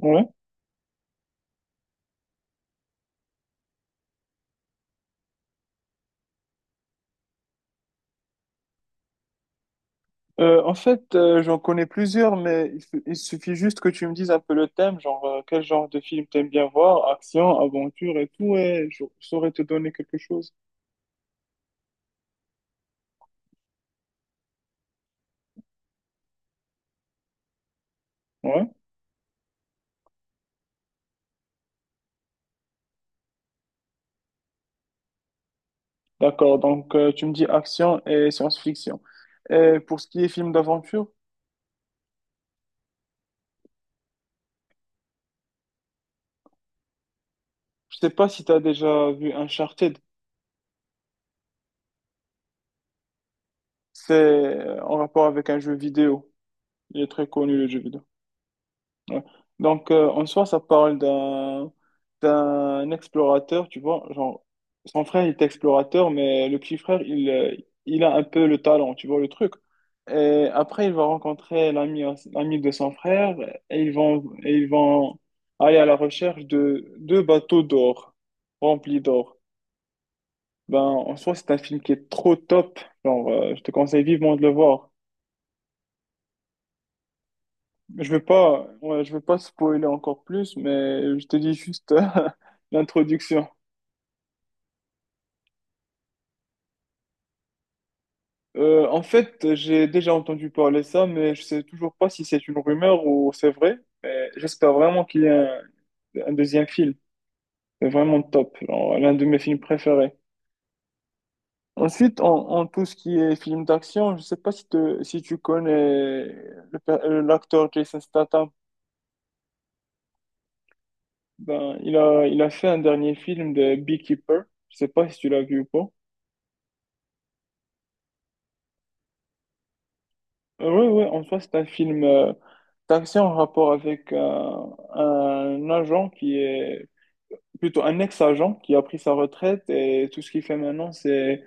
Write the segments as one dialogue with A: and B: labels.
A: Ouais. J'en connais plusieurs, mais il suffit juste que tu me dises un peu le thème, genre quel genre de film t'aimes bien voir, action, aventure et tout, et je saurais te donner quelque chose. Ouais, d'accord. Donc tu me dis action et science-fiction. Et pour ce qui est film d'aventure, je sais pas si t'as déjà vu Uncharted. C'est en rapport avec un jeu vidéo. Il est très connu le jeu vidéo. Ouais. Donc, en soi, ça parle d'un explorateur, tu vois. Genre, son frère, il est explorateur, mais le petit frère, il a un peu le talent, tu vois, le truc. Et après, il va rencontrer l'ami de son frère et ils vont aller à la recherche de deux bateaux d'or, remplis d'or. Ben, en soi, c'est un film qui est trop top. Je te conseille vivement de le voir. Je veux pas, ouais, je veux pas spoiler encore plus, mais je te dis juste l'introduction. J'ai déjà entendu parler ça, mais je sais toujours pas si c'est une rumeur ou c'est vrai. Mais j'espère vraiment qu'il y a un deuxième film. C'est vraiment top, genre, l'un de mes films préférés. Ensuite, en tout ce qui est film d'action, je sais pas si tu connais l'acteur Jason Statham. Ben, il a fait un dernier film de Beekeeper. Je sais pas si tu l'as vu ou pas. Ouais, ouais, en soi, c'est un film d'action en rapport avec un agent qui est plutôt un ex-agent qui a pris sa retraite et tout ce qu'il fait maintenant, c'est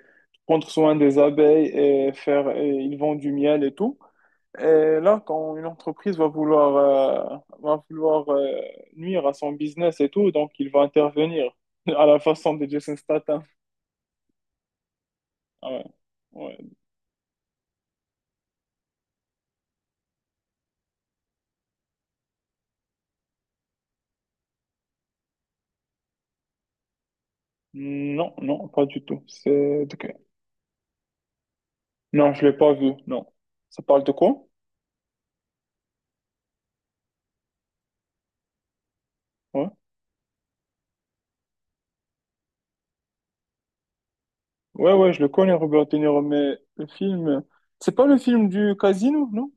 A: prendre soin des abeilles et faire, et ils vendent du miel et tout. Et là, quand une entreprise va vouloir, nuire à son business et tout, donc il va intervenir à la façon de Jason Statham. Ah ouais. Ouais. Non, non, pas du tout. C'est... Non, je l'ai pas vu, non. Ça parle de quoi? Ouais. Ouais, ouais, je le connais, Robert De Niro, mais le film... C'est pas le film du casino, non?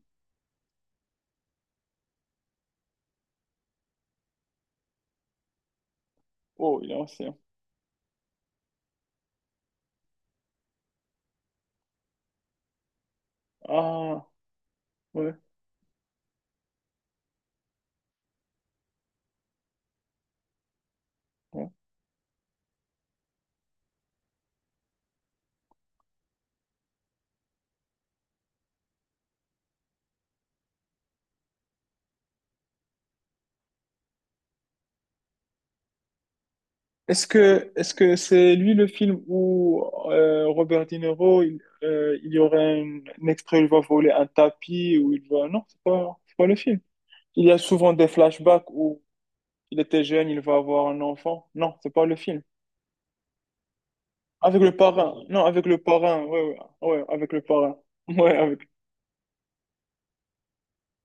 A: Oh, il est ancien. Ah, ouais, ouais. Est-ce que c'est lui le film où Robert De Niro, il y aurait un extrait où il va voler un tapis, où il va... Non, c'est pas le film. Il y a souvent des flashbacks où il était jeune, il va avoir un enfant. Non, c'est pas le film. Avec le parrain. Non, avec le parrain, ouais, ouais, ouais, avec le parrain. Ouais, avec...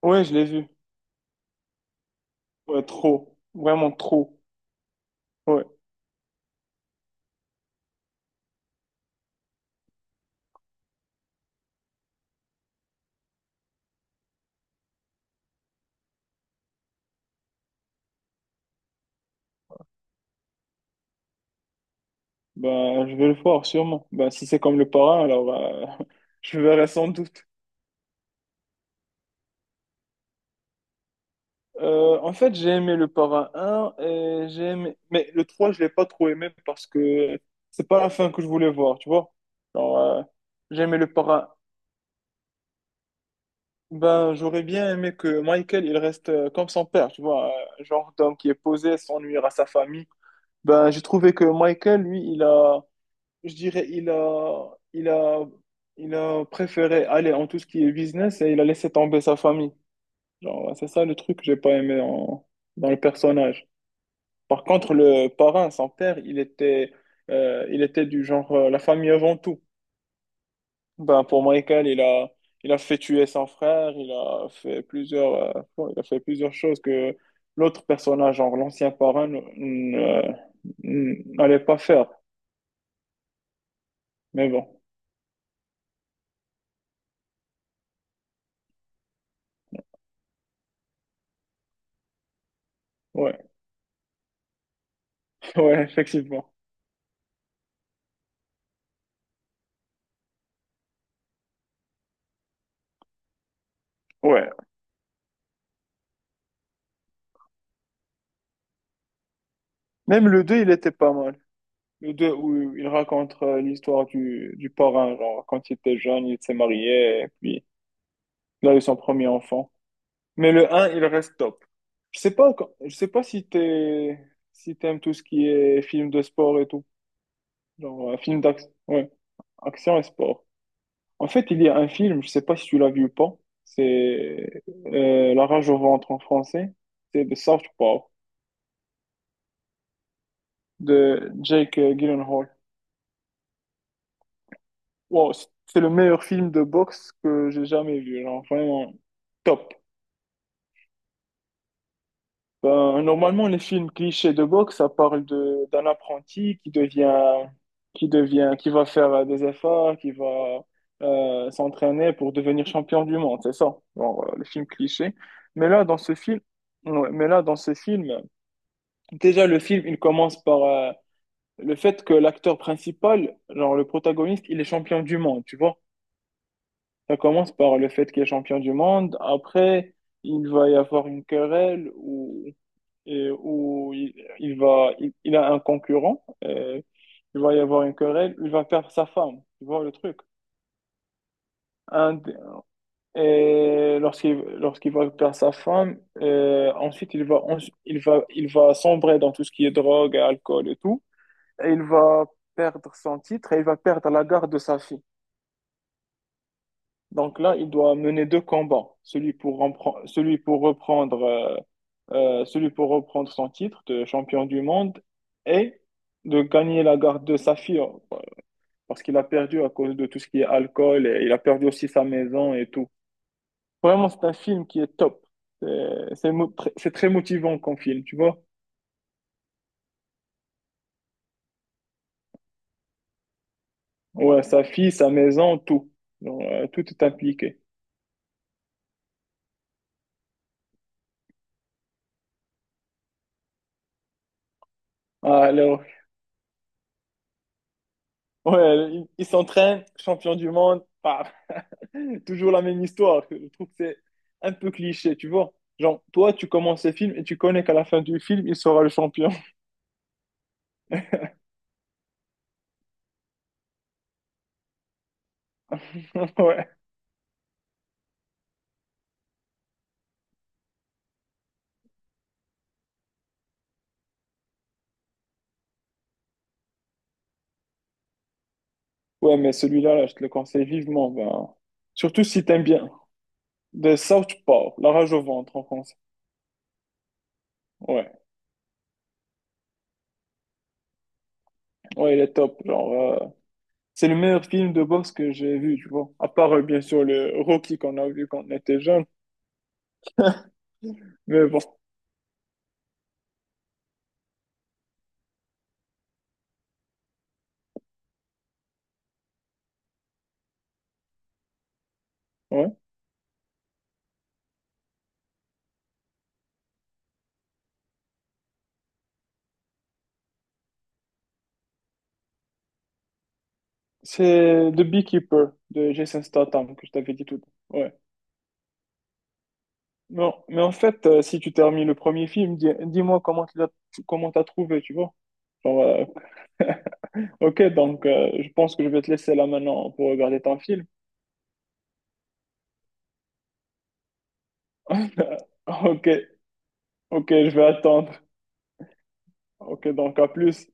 A: Ouais, je l'ai vu. Ouais, trop. Vraiment trop. Ouais. Bah, je vais le voir, sûrement. Bah, si c'est comme le parrain, alors bah, je verrai sans doute. J'ai aimé le parrain un et j'ai aimé... Mais le 3, je l'ai pas trop aimé parce que c'est pas la fin que je voulais voir, tu vois. Alors, euh, j'ai aimé le parrain. Ben, j'aurais bien aimé que Michael, il reste comme son père, tu vois. Genre d'homme qui est posé, s'ennuie à sa famille. Ben, j'ai trouvé que Michael, lui, il a... je dirais, il a préféré aller en tout ce qui est business et il a laissé tomber sa famille. Genre, c'est ça le truc que j'ai pas aimé dans le personnage. Par contre, le parrain, son père, il était du genre la famille avant tout. Ben, pour Michael, il a fait tuer son frère, il a fait plusieurs, il a fait plusieurs choses que l'autre personnage, genre l'ancien parrain, n'allait pas faire. Mais bon, ouais, ouais, effectivement. Ouais. Même le 2 il était pas mal. Le 2 où il raconte l'histoire du parrain, genre, quand il était jeune, il s'est marié, et puis il a eu son premier enfant. Mais le un il reste top. Je sais pas, je sais pas si t'es, si t'aimes tout ce qui est film de sport et tout. Genre, un film d'action, ouais, action et sport. En fait, il y a un film, je sais pas si tu l'as vu ou pas. C'est La rage au ventre en français. C'est The South Park de Jake Gyllenhaal. Wow, c'est le meilleur film de boxe que j'ai jamais vu, genre vraiment top. Ben, normalement, les films clichés de boxe, ça parle de d'un apprenti qui va faire des efforts, qui va s'entraîner pour devenir champion du monde, c'est ça. Bon, les films clichés. Mais là, dans ce film, ouais, mais là, dans ce film, déjà le film, il commence par le fait que l'acteur principal, genre le protagoniste, il est champion du monde, tu vois. Ça commence par le fait qu'il est champion du monde. Après, il va y avoir une querelle où, et où il a un concurrent. Et il va y avoir une querelle. Il va perdre sa femme. Tu vois le truc. Un d- et lorsqu'il va perdre sa femme, ensuite il va, en- il va sombrer dans tout ce qui est drogue, alcool et tout. Et il va perdre son titre et il va perdre la garde de sa fille. Donc là, il doit mener deux combats, celui pour reprendre son titre de champion du monde et de gagner la garde de sa fille, parce qu'il a perdu à cause de tout ce qui est alcool et il a perdu aussi sa maison et tout. Vraiment, c'est un film qui est top. C'est très motivant comme film, tu vois. Ouais, sa fille, sa maison, tout. Donc, tout est impliqué. Alors, ouais, il s'entraîne, champion du monde, paf. Toujours la même histoire. Je trouve que c'est un peu cliché, tu vois. Genre, toi, tu commences le film et tu connais qu'à la fin du film, il sera le champion. Ouais. Ouais, mais celui-là, là, je te le conseille vivement. Ben... Surtout si t'aimes bien. The Southpaw, La rage au ventre en français. Ouais, ouais, il est top. C'est le meilleur film de boxe que j'ai vu, tu vois. À part, bien sûr, le Rocky qu'on a vu quand on était jeune. Mais bon, ouais. C'est The Beekeeper de Jason Statham que je t'avais dit tout à l'heure. Ouais. Non, mais en fait, si tu termines le premier film, dis, moi comment tu l'as, comment t'as trouvé, tu vois. Genre, euh, ok, donc je pense que je vais te laisser là maintenant pour regarder ton film. Ok, ok, je vais attendre. Ok, donc à plus.